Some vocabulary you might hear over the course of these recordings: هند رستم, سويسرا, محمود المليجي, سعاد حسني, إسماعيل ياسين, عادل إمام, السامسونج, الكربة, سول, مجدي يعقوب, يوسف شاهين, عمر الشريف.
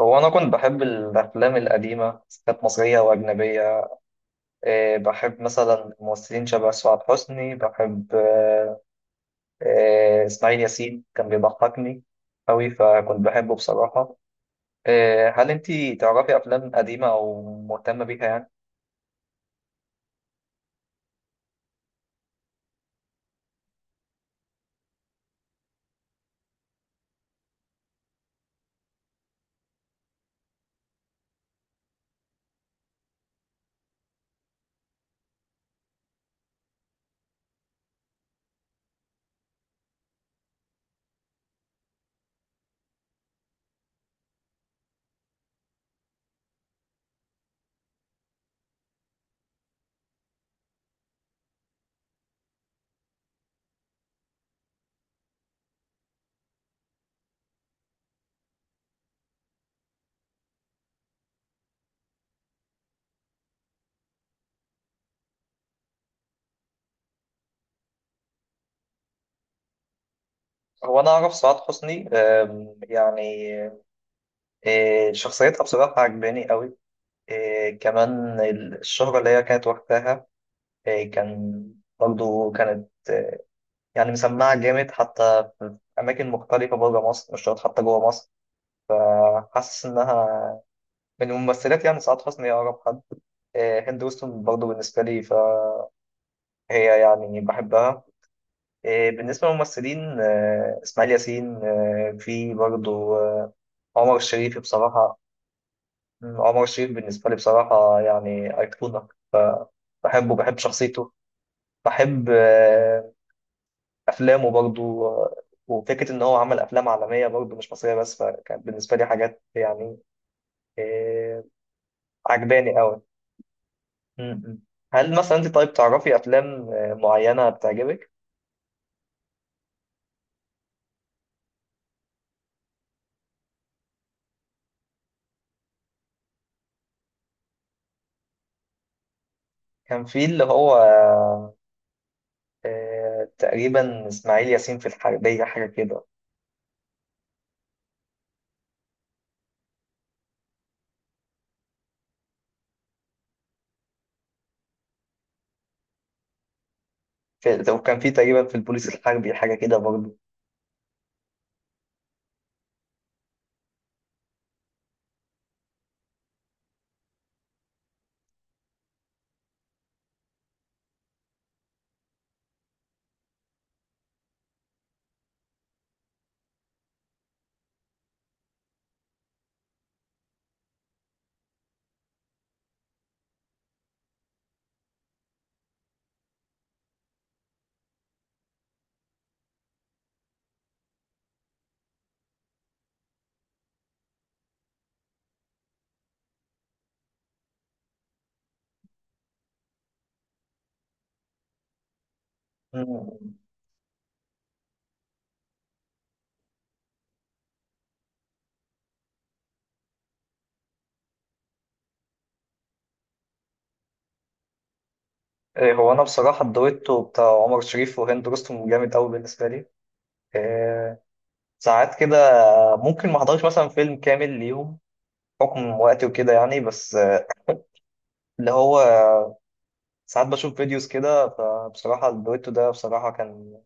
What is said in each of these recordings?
هو أنا كنت بحب الأفلام القديمة. كانت مصرية وأجنبية. إيه، بحب مثلا ممثلين شبه سعاد حسني. بحب آه، آه، إسماعيل ياسين كان بيضحكني أوي فكنت بحبه بصراحة. إيه، هل أنتي تعرفي أفلام قديمة أو مهتمة بيها يعني؟ هو أنا أعرف سعاد حسني. يعني إيه، شخصيتها بصراحة عجباني أوي. إيه، كمان الشهرة اللي هي كانت وقتها. إيه، برضه كانت يعني مسمعة جامد حتى في أماكن مختلفة بره مصر، مش شرط حتى جوه مصر. حاسس إنها من الممثلات. يعني سعاد حسني هي أقرب حد. هند وستون برضه بالنسبة لي فهي يعني بحبها. بالنسبة للممثلين، إسماعيل ياسين، في برضه عمر الشريف بصراحة. عمر الشريف بالنسبة لي بصراحة يعني أيقونة. بحبه، بحب شخصيته. بحب افلامه برضو. وفكره ان هو عمل افلام عالميه برضو مش مصريه، بس فكانت بالنسبه لي حاجات يعني آه، عجباني قوي. م-م. هل مثلا انت، طيب، تعرفي افلام معينه بتعجبك؟ كان في اللي هو تقريبا اسماعيل ياسين في الحربيه حاجه كده. وكان في تقريبا في البوليس الحربي حاجه كده برضو. مم. هو انا بصراحه الدويتو بتاع عمر شريف وهند رستم جامد قوي بالنسبه لي. آه، ساعات كده ممكن ما احضرش مثلا فيلم كامل ليهم، حكم وقتي وكده يعني. بس اللي هو ساعات بشوف فيديوز كده. فبصراحة الدويتو ده بصراحة كان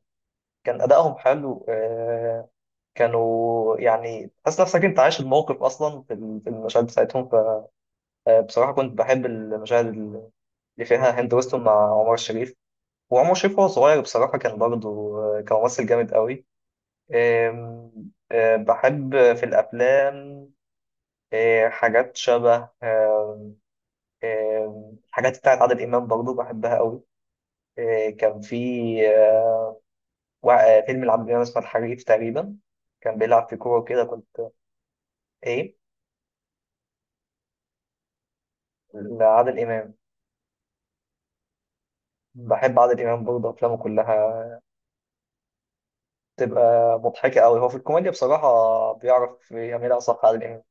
كان أدائهم حلو. كانوا يعني تحس نفسك أنت عايش الموقف أصلا في المشاهد بتاعتهم. فبصراحة كنت بحب المشاهد اللي فيها هند ويستون مع عمر الشريف. وعمر الشريف وهو صغير بصراحة كان برضه كممثل جامد قوي. آم، آه، بحب في الأفلام حاجات شبه. الحاجات بتاعت عادل إمام برضه بحبها قوي. إيه، كان في آه، وا- آه، فيلم لعادل إمام اسمه الحريف تقريبا. كان بيلعب في كورة كده كنت. إيه، لعادل إمام. بحب عادل إمام برضه أفلامه كلها. تبقى مضحكة أوي، هو في الكوميديا بصراحة بيعرف يعملها صح، عادل إمام.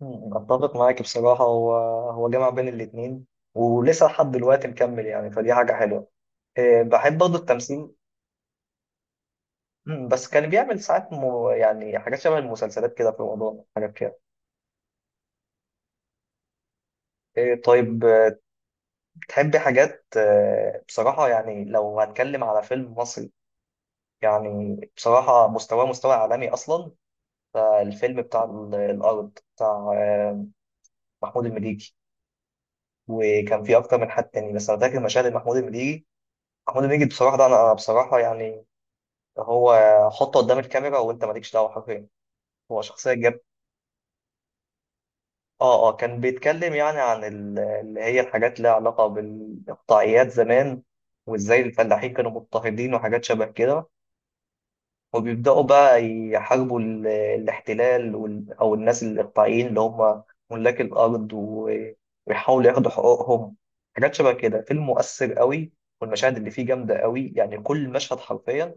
مم. أتفق معاك بصراحة. هو جمع بين الاتنين. ولسه لحد دلوقتي مكمل يعني، فدي حاجة حلوة. إيه، بحب برضه التمثيل. بس كان بيعمل ساعات يعني حاجات شبه المسلسلات كده في رمضان، حاجات كده. إيه، طيب، بتحبي حاجات بصراحة. يعني لو هنتكلم على فيلم مصري، يعني بصراحة مستواه مستوى عالمي أصلا. فالفيلم بتاع الأرض بتاع محمود المليجي. وكان فيه أكتر من حد تاني، بس أنا فاكر مشاهد محمود المليجي. محمود المليجي بصراحة ده، أنا بصراحة يعني، هو حطه قدام الكاميرا وأنت مالكش دعوة حرفيا. هو شخصية جاب. كان بيتكلم يعني عن اللي هي الحاجات لها علاقة بالإقطاعيات زمان. وإزاي الفلاحين كانوا مضطهدين وحاجات شبه كده. وبيبدأوا بقى يحاربوا الاحتلال أو الناس الإقطاعيين اللي هم ملاك الأرض ويحاولوا ياخدوا حقوقهم. حاجات شبه كده. فيلم مؤثر قوي، والمشاهد اللي فيه جامدة قوي يعني. كل مشهد حرفيا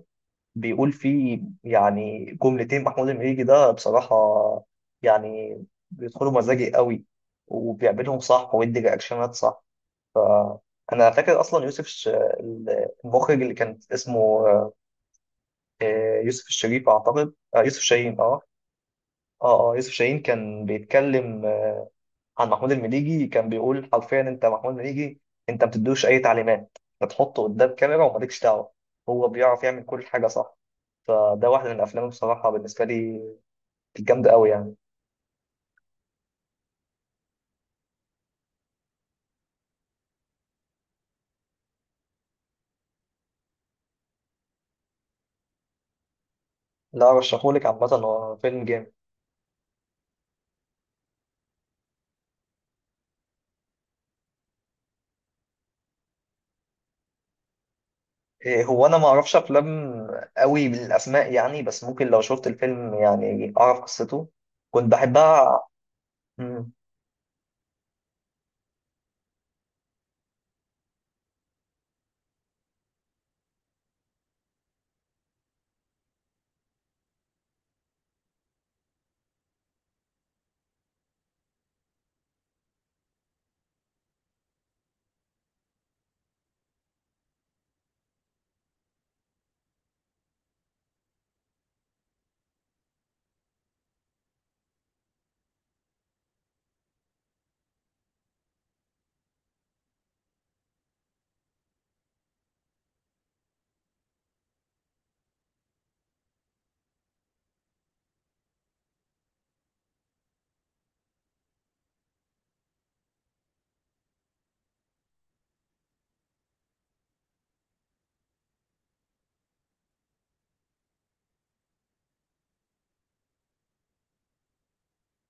بيقول فيه يعني جملتين. محمود المليجي ده بصراحة يعني بيدخلوا مزاجي قوي، وبيعملهم صح ويدي رياكشنات صح. أنا فاكر أصلا المخرج اللي كان اسمه يوسف الشريف أعتقد، يوسف شاهين، أه. اه، اه. يوسف شاهين كان بيتكلم عن محمود المليجي، كان بيقول حرفيا: انت محمود المليجي، انت ما بتدوش اي تعليمات، بتحطه قدام كاميرا ومالكش دعوه، هو بيعرف يعمل كل حاجه صح. فده واحد من الافلام بصراحه بالنسبه لي الجامده قوي يعني. لا، ارشحهولك عامه، هو فيلم جامد. إيه، هو انا ما اعرفش افلام قوي بالاسماء يعني. بس ممكن لو شفت الفيلم يعني اعرف قصته. كنت بحبها. مم.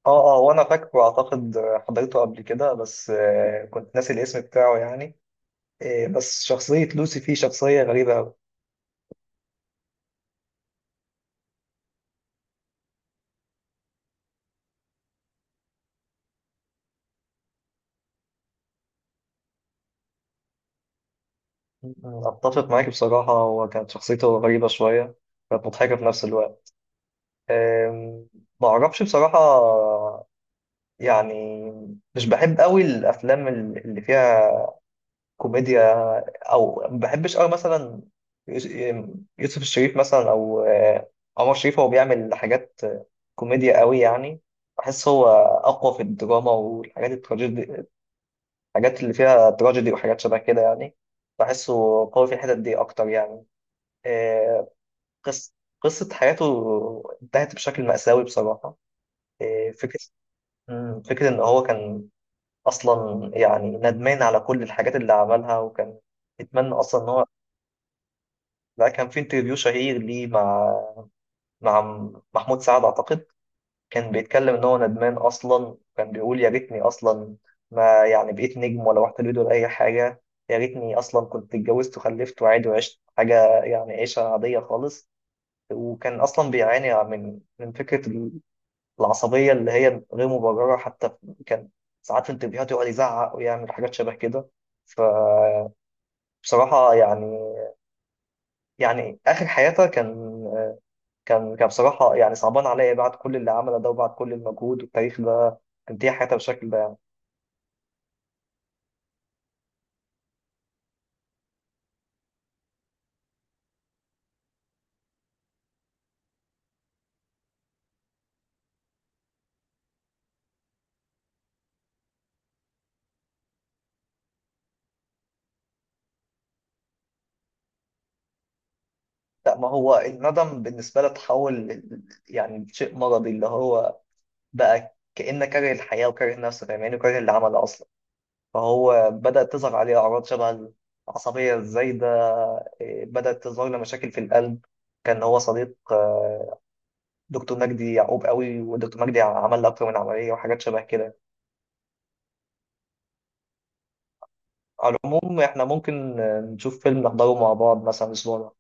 اه، اه. وانا فاكره اعتقد حضرته قبل كده، بس كنت ناسي الاسم بتاعه يعني. إيه، بس شخصية لوسي فيه شخصية غريبة أوي. أنا أتفق معاك بصراحة. هو كانت شخصيته غريبة شوية، كانت مضحكة في نفس الوقت. أم، ما أعرفش بصراحة، يعني مش بحب أوي الأفلام اللي فيها كوميديا. أو ما بحبش أوي مثلا يوس- يوسف الشريف مثلا، أو عمر شريف هو بيعمل حاجات كوميديا أوي يعني. بحس هو أقوى في الدراما والحاجات التراجيدي، الحاجات اللي فيها تراجيدي وحاجات شبه كده يعني. بحسه قوي في الحتت دي أكتر يعني. آه، قص قصة حياته انتهت بشكل مأساوي بصراحة. آه، فكرة فكرة إن هو كان أصلا يعني ندمان على كل الحاجات اللي عملها، وكان يتمنى أصلا إن هو. لا، كان في انترفيو شهير ليه مع محمود سعد أعتقد. كان بيتكلم ان هو ندمان اصلا. كان بيقول: يا ريتني اصلا ما، يعني، بقيت نجم ولا رحت البيض ولا اي حاجه. يا ريتني اصلا كنت اتجوزت وخلفت وعادي، وعشت حاجه يعني عيشه عاديه خالص. وكان اصلا بيعاني من فكره العصبيه اللي هي غير مبرره حتى. كان ساعات في انترفيوهات يقعد يزعق ويعمل حاجات شبه كده. فبصراحه يعني يعني اخر حياته كان بصراحة يعني صعبان عليا، بعد كل اللي عمله ده وبعد كل المجهود والتاريخ ده تنتهي حياتها بالشكل ده يعني. لا، ما هو الندم بالنسبة لي تحول يعني شيء مرضي. اللي هو بقى كأنه كاره الحياة وكاره نفسه فاهماني، وكاره اللي عمله أصلا. فهو بدأت تظهر عليه أعراض شبه العصبية الزايدة. إيه، بدأت تظهر له مشاكل في القلب. كان هو صديق دكتور مجدي يعقوب قوي، ودكتور مجدي عمل له أكتر من عملية وحاجات شبه كده. على العموم إحنا ممكن نشوف فيلم نحضره مع بعض مثلا أسبوع.